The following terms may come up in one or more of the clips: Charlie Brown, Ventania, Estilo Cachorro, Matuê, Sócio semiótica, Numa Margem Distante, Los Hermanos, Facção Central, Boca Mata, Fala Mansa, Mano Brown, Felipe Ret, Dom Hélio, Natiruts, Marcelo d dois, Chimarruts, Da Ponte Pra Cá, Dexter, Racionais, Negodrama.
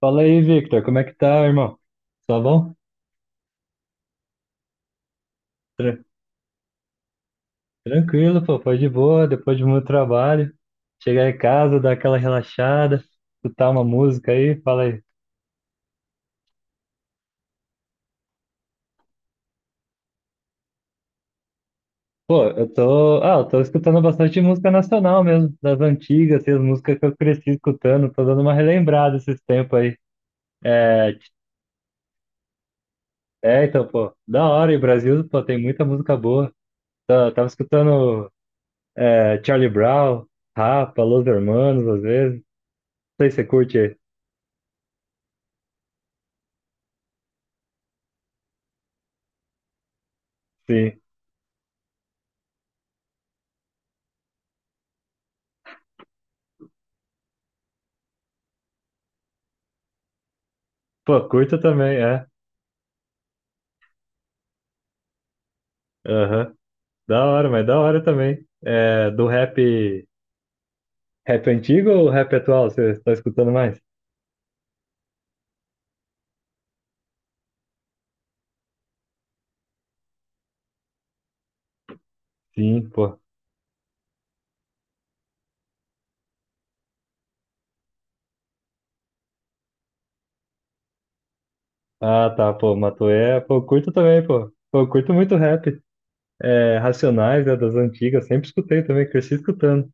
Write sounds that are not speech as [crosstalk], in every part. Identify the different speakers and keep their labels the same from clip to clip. Speaker 1: Fala aí, Victor, como é que tá, irmão? Tá bom? Tra- Tranquilo, pô, foi de boa, depois de muito trabalho. Chegar em casa, dar aquela relaxada, escutar uma música aí, fala aí. Pô, eu tô escutando bastante música nacional mesmo, das antigas, assim, as músicas que eu cresci escutando, tô dando uma relembrada esses tempos aí. É, então, pô, da hora, e o Brasil, pô, tem muita música boa. Tava escutando Charlie Brown, Rapa, Los Hermanos, às vezes. Não sei se você curte, sim. Pô, curto também, é. Aham. Da hora, mas da hora também. É, do rap, rap antigo ou rap atual? Você está escutando mais? Sim, pô. Ah, tá, pô, Matuê, pô, eu curto também, pô. Pô, eu curto muito rap. É, Racionais, né, das antigas, sempre escutei também, cresci escutando.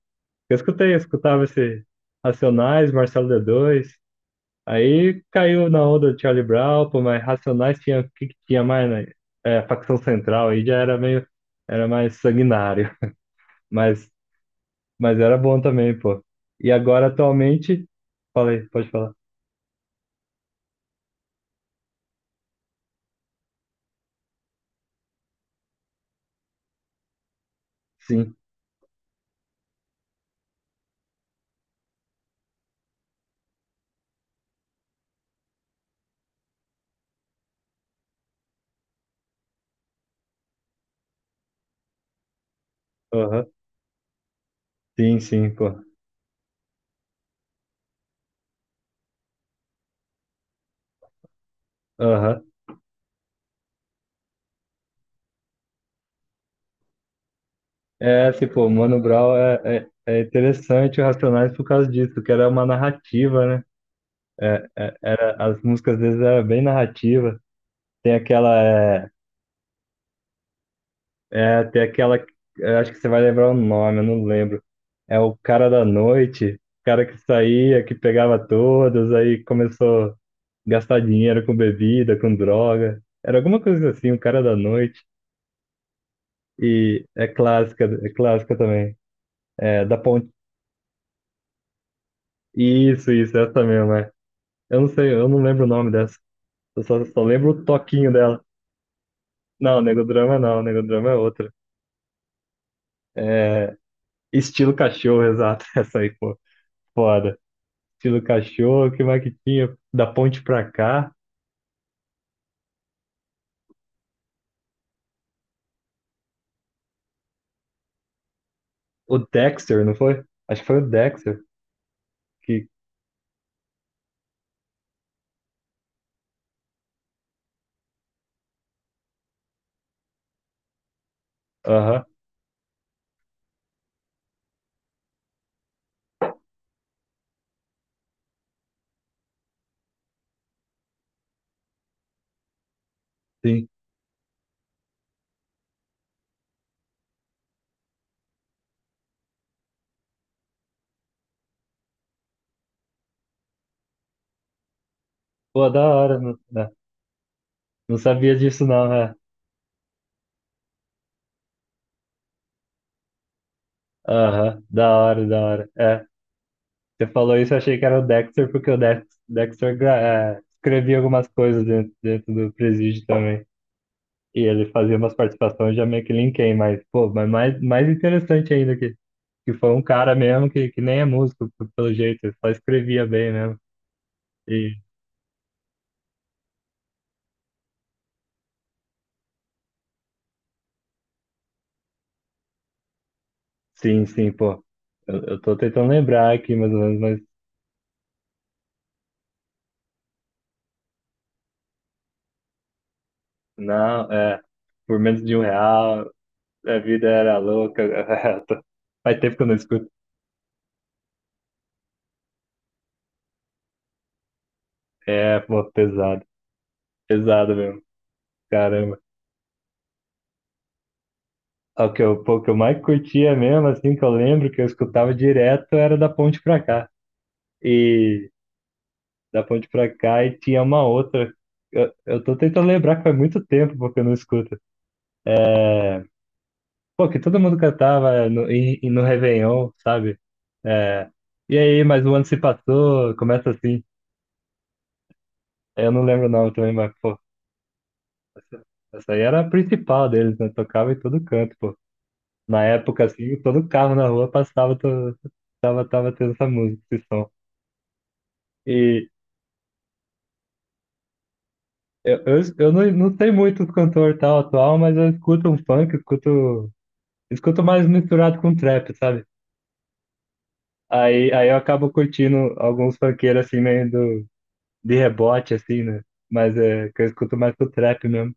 Speaker 1: Eu escutava esse Racionais, Marcelo d dois. Aí caiu na onda do Charlie Brown, pô, mas Racionais tinha, o que que tinha mais, né? É, facção central, aí já era meio, era mais sanguinário. [laughs] Mas Mas era bom também, pô. E agora, atualmente. Falei, pode falar. Sim, aham. Sim, sim, pô. Aham. É, assim, pô, Mano Brown é interessante o Racionais por causa disso, que era uma narrativa, né? Era, as músicas às vezes eram bem narrativa. Tem aquela. É, é, tem aquela. Eu acho que você vai lembrar o nome, eu não lembro. É o cara da noite, o cara que saía, que pegava todos, aí começou. Gastar dinheiro com bebida, com droga. Era alguma coisa assim, o cara da noite. E é clássica também. É, da ponte. Isso, essa mesmo, é. Eu não sei, eu não lembro o nome dessa. Só lembro o toquinho dela. Não, Negodrama não, Negodrama é outra. É, estilo cachorro, exato. [laughs] Essa aí, pô, foda. Estilo cachorro, o que mais que tinha? Da ponte pra cá. O Dexter, não foi? Acho que foi o Dexter que. Aham, sim. Pô, da hora. Não, não sabia disso, não, é. Aham, da hora, da hora. É, você falou isso, eu achei que era o Dexter, porque o Dexter, é, escrevia algumas coisas dentro, dentro do Presídio também. E ele fazia umas participações, já meio que linkei, mas, pô, mas mais, mais interessante ainda que foi um cara mesmo que nem é músico, pelo jeito, ele só escrevia bem mesmo. E sim, sim, pô. Eu tô tentando lembrar aqui mais ou menos, mas não, é, por menos de um real, a vida era louca. [laughs] Faz tempo que eu não escuto. É, pô, pesado. Pesado mesmo. Caramba. É o que eu, pô, o que eu mais curtia mesmo, assim, que eu lembro que eu escutava direto era da ponte pra cá. E da ponte pra cá e tinha uma outra. Eu tô tentando lembrar que faz muito tempo porque eu não escuto. É, pô, que todo mundo cantava no Réveillon, sabe? É, e aí, mas o ano se passou, começa assim. Eu não lembro o nome também, mas, pô, essa, essa aí era a principal deles, né? Tocava em todo canto, pô. Na época, assim, todo carro na rua passava, tava tendo essa música, esse som. E eu não sei muito do cantor tal atual, mas eu escuto um funk, escuto, escuto mais misturado com trap, sabe? Aí eu acabo curtindo alguns funkeiros, assim, meio do, de rebote, assim, né? Mas é que eu escuto mais pro trap mesmo.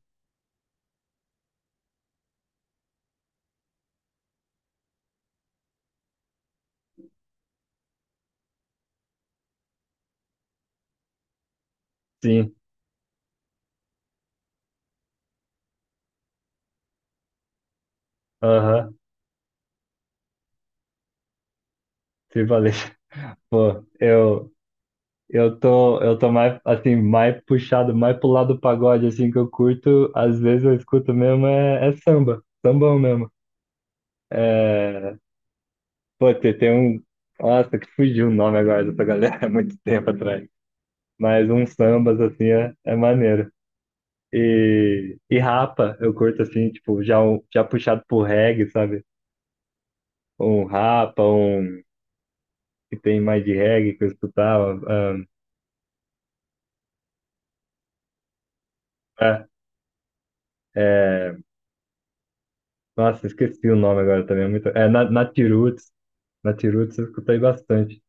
Speaker 1: Sim, aham, se valeu. [laughs] Pô, eu, eu tô mais, assim, mais puxado, mais pro lado do pagode, assim, que eu curto. Às vezes eu escuto mesmo, é samba, sambão mesmo. É, pô, tem um, nossa, que fugiu o nome agora dessa galera, [laughs] há muito tempo atrás. Mas uns sambas, assim, é maneiro. E rapa, eu curto, assim, tipo, já, já puxado pro reggae, sabe? Um rapa, um que tem mais de reggae que eu escutava. É, é, nossa, esqueci o nome agora também. É, muito, é Natiroots. Natiruts eu escutei bastante.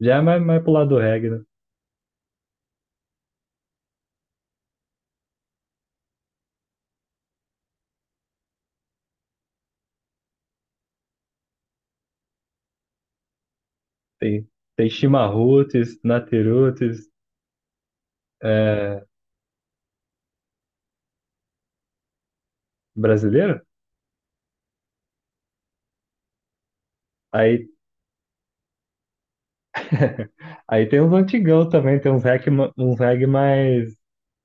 Speaker 1: Já é mais, mais pro lado do reggae, né? Tem, tem Chimarruts, Natiruts, é, brasileiro. Aí, [laughs] aí tem uns antigão também, tem uns reggae, uns reggae mais...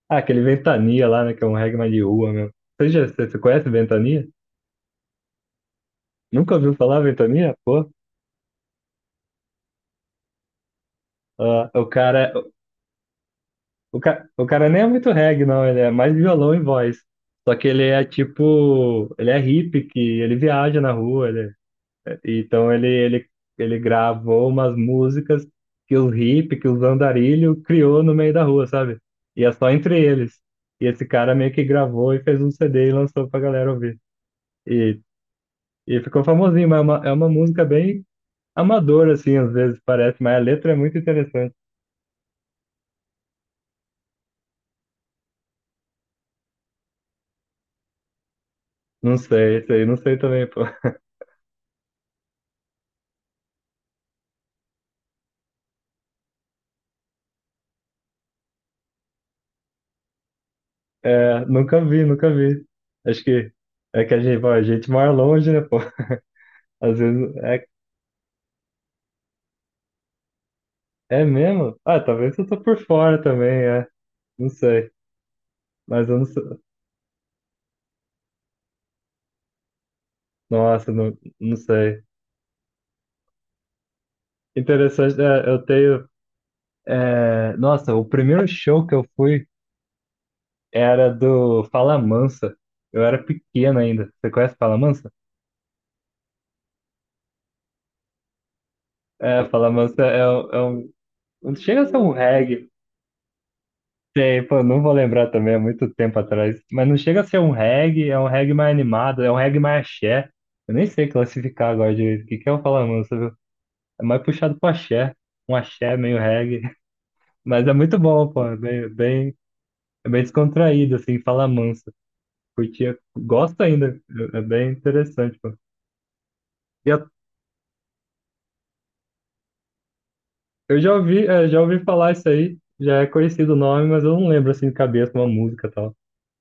Speaker 1: Ah, aquele Ventania lá, né? Que é um reggae mais de rua mesmo. Você conhece Ventania? Nunca ouviu falar Ventania? Pô, ah, o cara, o cara nem é muito reggae, não. Ele é mais violão e voz. Só que ele é tipo... Ele é hippie, que ele viaja na rua, ele é... Então ele, ele, ele gravou umas músicas que os hippies, que os andarilho criou no meio da rua, sabe? E é só entre eles. E esse cara meio que gravou e fez um CD e lançou pra galera ouvir. E, e ficou famosinho, mas é é uma música bem amadora, assim, às vezes parece, mas a letra é muito interessante. Não sei, isso aí, não sei também, pô. É, nunca vi, nunca vi. Acho que é que a gente, bom, a gente mora longe, né, pô? Às vezes é, é mesmo? Ah, talvez eu tô por fora também, é. Não sei. Mas eu não sei. Nossa, não, não sei. Interessante, é, eu tenho. É, nossa, o primeiro show que eu fui era do Fala Mansa. Eu era pequeno ainda. Você conhece Fala Mansa? É, Fala Mansa é, é um. Não chega a ser um reggae. Tem, pô, não vou lembrar também, é muito tempo atrás. Mas não chega a ser um reggae, é um reggae mais animado, é um reggae mais axé. Eu nem sei classificar agora direito. O que que é o Fala Mansa, viu? É mais puxado pro axé. Um axé meio reggae. [laughs] Mas é muito bom, pô. É bem, bem... É bem descontraído, assim, fala mansa. Curtia, gosto ainda, é bem interessante, pô. E eu já ouvi, é, já ouvi falar isso aí, já é conhecido o nome, mas eu não lembro, assim, de cabeça, uma música e tal.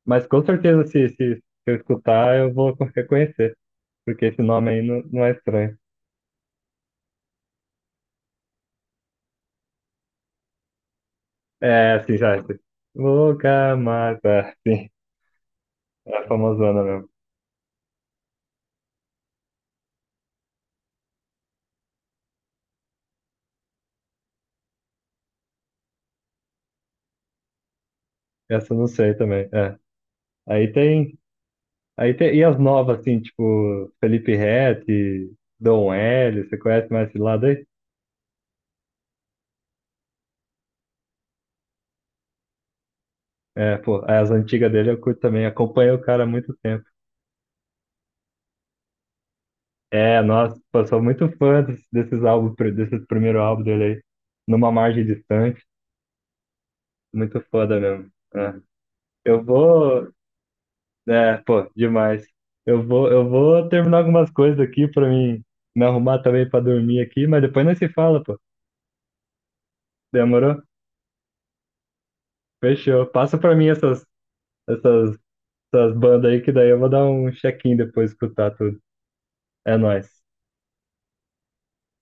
Speaker 1: Mas com certeza, se eu escutar, eu vou [laughs] reconhecer, porque esse nome aí não, não é estranho. É, assim, já, assim. Boca Mata, [laughs] sim, é a famosona mesmo. Essa eu não sei também, é. Aí tem, aí tem, e as novas, assim, tipo, Felipe Ret, Dom Hélio, você conhece mais esse lado aí? É, pô, as antigas dele eu curto também, acompanho o cara há muito tempo. É, nossa, pô, sou muito fã desses álbuns, desses primeiro álbum dele aí, Numa Margem Distante, muito foda mesmo. É. Eu vou, é, pô, demais. Eu vou terminar algumas coisas aqui pra mim me arrumar também pra dormir aqui, mas depois nós se fala, pô. Demorou? Fechou. Passa pra mim essas, essas bandas aí que daí eu vou dar um check-in depois escutar tudo. É nóis.